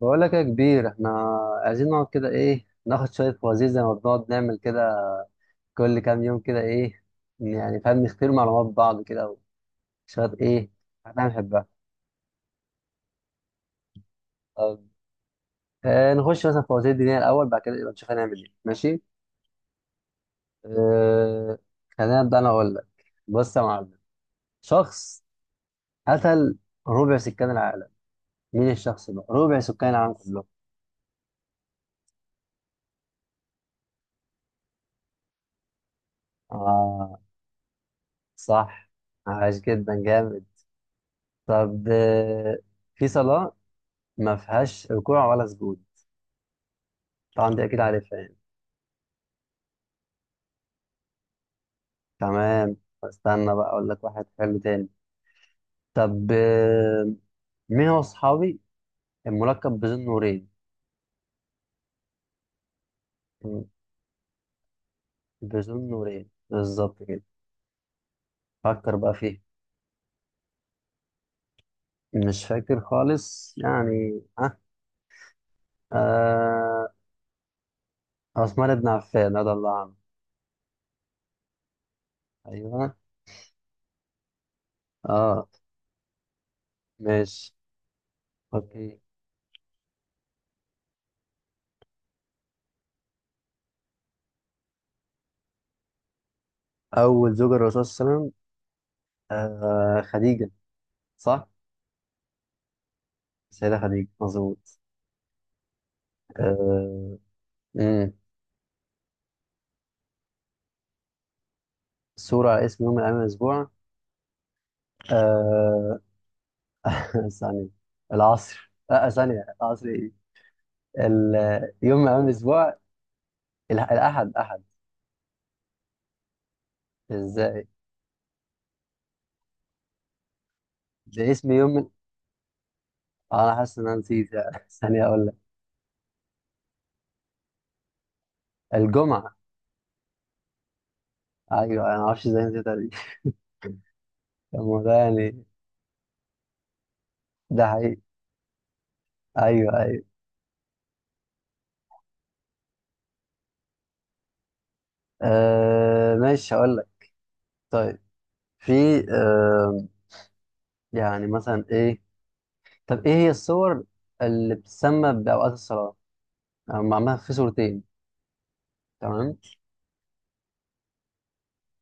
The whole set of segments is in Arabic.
بقول لك يا كبير، احنا عايزين نقعد كده ايه ناخد شوية فوازير زي ما بنقعد نعمل كده كل كام يوم كده ايه يعني، فاهم؟ نختبر معلومات بعض كده وشوية ايه. احنا بنحبها. طب نخش مثلا في فوازير الدنيا الأول، بعد كده يبقى نشوف هنعمل ايه. ماشي. آه خلينا نبدأ، أنا أقول لك. بص يا معلم، شخص قتل ربع سكان العالم، مين الشخص ده؟ ربع سكان العالم كلهم. آه صح، عاش، جدا جامد. طب في صلاة ما فيهاش ركوع ولا سجود، طبعا دي اكيد عارفها يعني. تمام، استنى بقى اقول لك واحد حلو تاني. طب، مين هو صحابي الملقب بذو النورين؟ م- بذو النورين بالظبط كده، فكر بقى فيه. مش فاكر خالص يعني اه, آه. عثمان بن عفان رضي الله عنه. ايوه اه ماشي، اوكي. اول زوجة للرسول صلى الله عليه وسلم. خديجة، صح، سيدة خديجة مظبوط. آه. صورة على اسم يوم من أيام الأسبوع. آه ثانية، العصر، ثانية العصر إيه؟ يوم من أيام الأسبوع. الأحد، أحد. إزاي؟ ده اسم يوم من. أنا حاسس إن أنا نسيت يعني. ثانية أقول لك. الجمعة. أيوه، أنا معرفش إزاي نسيتها دي. الموضوع ده يعني ده حقيقي. أيوه، أيوه. ماشي هقول لك. طيب في آه يعني مثلا إيه؟ طب إيه هي الصور اللي بتسمى بأوقات الصلاة؟ أو معمولة في صورتين. تمام،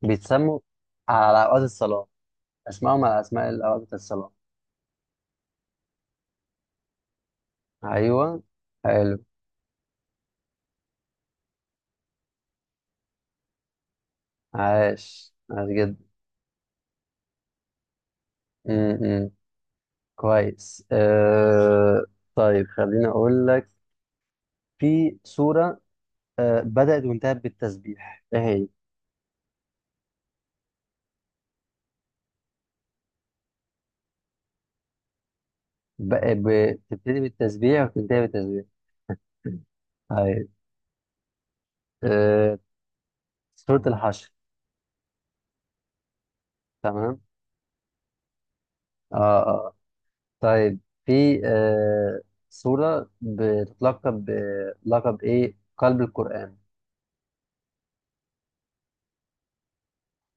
بيتسموا على أوقات الصلاة، أسمائهم على أسماء الأوقات بتاعت الصلاة. أيوه، حلو. عاش، عاش جدا. م-م. كويس. طيب، خليني أقول لك، في سورة بدأت وانتهت بالتسبيح، إيه هي؟ ب... ب... بتبتدي بالتسبيح وبتنتهي بالتسبيح. طيب أه... سورة الحشر. تمام. آه آه طيب في سورة بتتلقب بلقب إيه؟ قلب القرآن.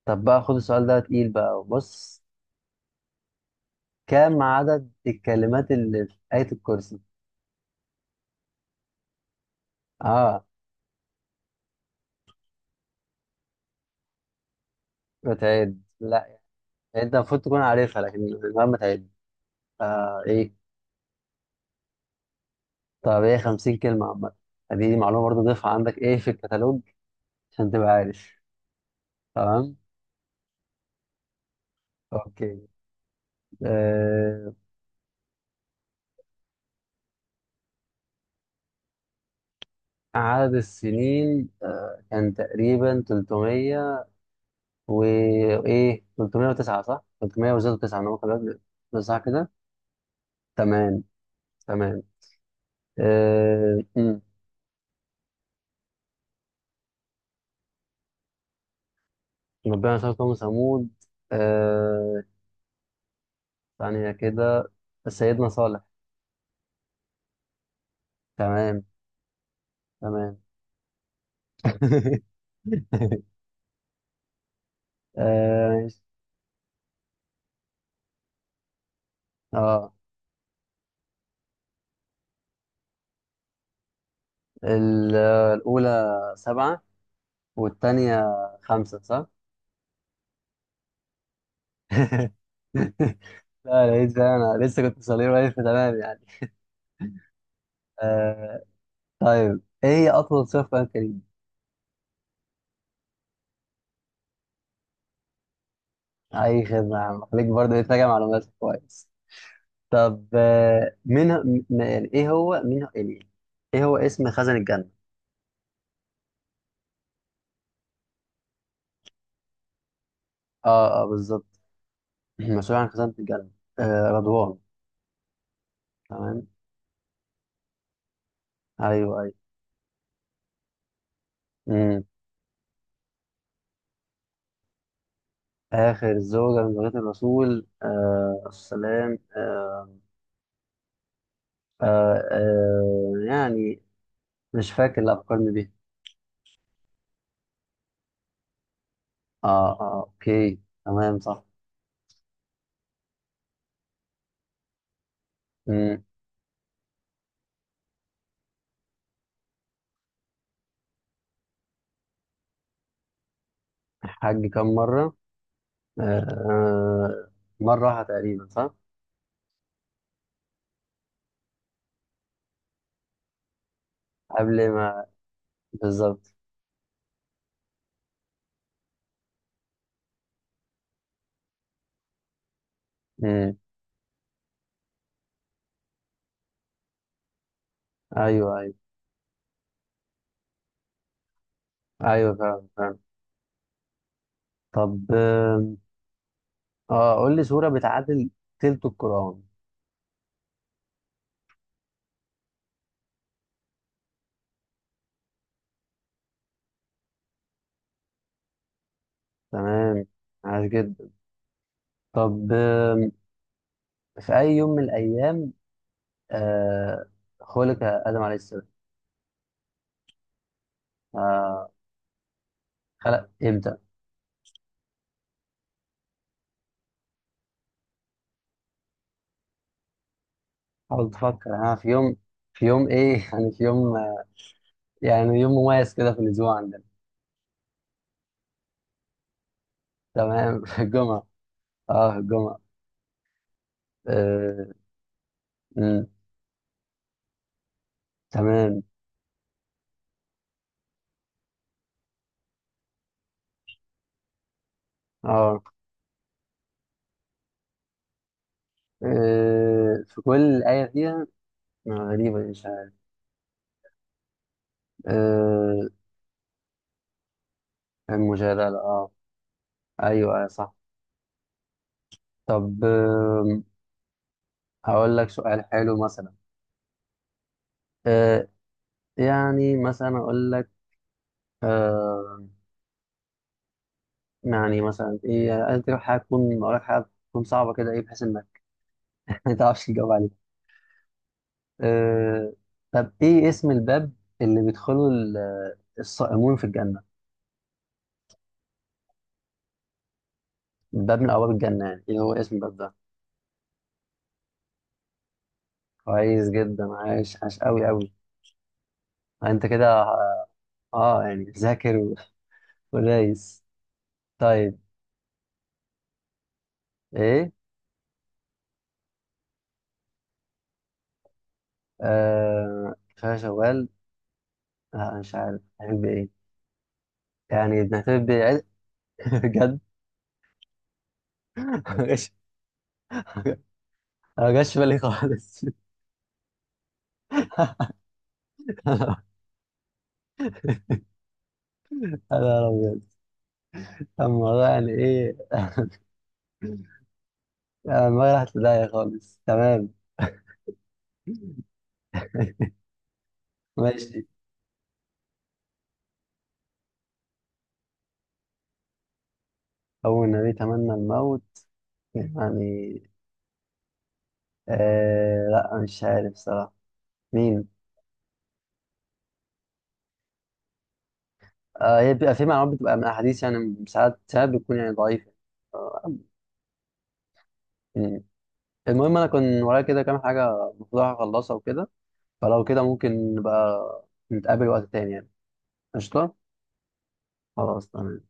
طب بقى خد السؤال ده تقيل بقى، بص: كم عدد الكلمات اللي في آية الكرسي؟ اه، بتعد؟ لا، انت المفروض تكون عارفها، لكن مهما تعد. ايه، طب هي 50 كلمة عامة. دي معلومة برضه، ضيفها عندك ايه في الكتالوج عشان تبقى عارف. تمام، اوكي. آه عدد السنين، كان تقريبا 300 وايه، 309. صح، 300 وزادوا 9، انا ممكن صح كده. تمام، تمام. آه ربنا شاء قوم ثمود. آه ثانية كده، سيدنا صالح. تمام، تمام. ماشي. اه ال- الأولى سبعة، والتانية خمسة، صح؟ لا، لقيت بقى، أنا لسه كنت صغير واقف، تمام يعني. آه طيب، إيه هي أطول سورة في القرآن الكريم؟ أي خدمة يا عم، خليك برضه إيه تراجع معلوماتك كويس. طب آه مين ه- م- يعني إيه هو مين ه- يعني إيه هو اسم خزن الجنة؟ اه بالظبط. مسؤول عن خزانة الجنة. رضوان. تمام، ايوه، ايوه. مم. آخر الزوجة من زوجات الرسول، السلام. آه يعني مش فاكر، لا فكرني بيها. اه اوكي تمام، صح. مم. حج كم مرة؟ آه آه، مرة واحدة تقريبا، صح؟ قبل ما... بالظبط. مم. ايوه، ايوه، ايوه فعلا، فعلا. طب قول لي سورة بتعادل تلت القرآن. تمام، عاش جدا. طب في أي يوم من الأيام آه، خلق آدم عليه السلام آه، خلق إمتى؟ حاول تفكر، أنا في يوم. في يوم إيه؟ يعني في يوم يعني يوم مميز كده في الأسبوع عندنا. تمام. في الجمعة. أه، في الجمعة. آه، مم، تمام أه آه، في كل آية فيها. غريبة دي، مش عارف. آه، المجادلة. أيوه، أيوة، صح. طب هقول لك سؤال حلو مثلا. آه، يعني مثلا اقول لك. آه يعني مثلا ايه، انت حاجه تكون اقول لك حاجه تكون صعبه كده ايه، بحيث انك ما تعرفش تجاوب عليها. آه طب ايه اسم الباب اللي بيدخله الصائمون في الجنه؟ الباب من ابواب الجنه، يعني ايه هو اسم الباب ده؟ كويس جدا، عايش، عايش قوي، قوي. انت كده اه يعني ذاكر، ودايس. طيب ايه، كفايه شوال، لا مش عارف هنعمل بايه، يعني نعتبر بجد. بجد. أنا ما جاش في بالي خالص. يا نهار أبيض، الموضوع يعني إيه. ما راحت في داهية خالص، تمام. ماشي. أول نبي تمنى الموت يعني. لا مش عارف صراحة مين. هي بيبقى في معلومات بتبقى من أحاديث يعني، ساعات ساعات بتكون يعني ضعيفة. آه، مم. المهم، أنا كان ورايا كده كام حاجة المفروض أخلصها وكده، فلو كده ممكن نبقى نتقابل وقت تاني يعني. قشطة. خلاص، تمام.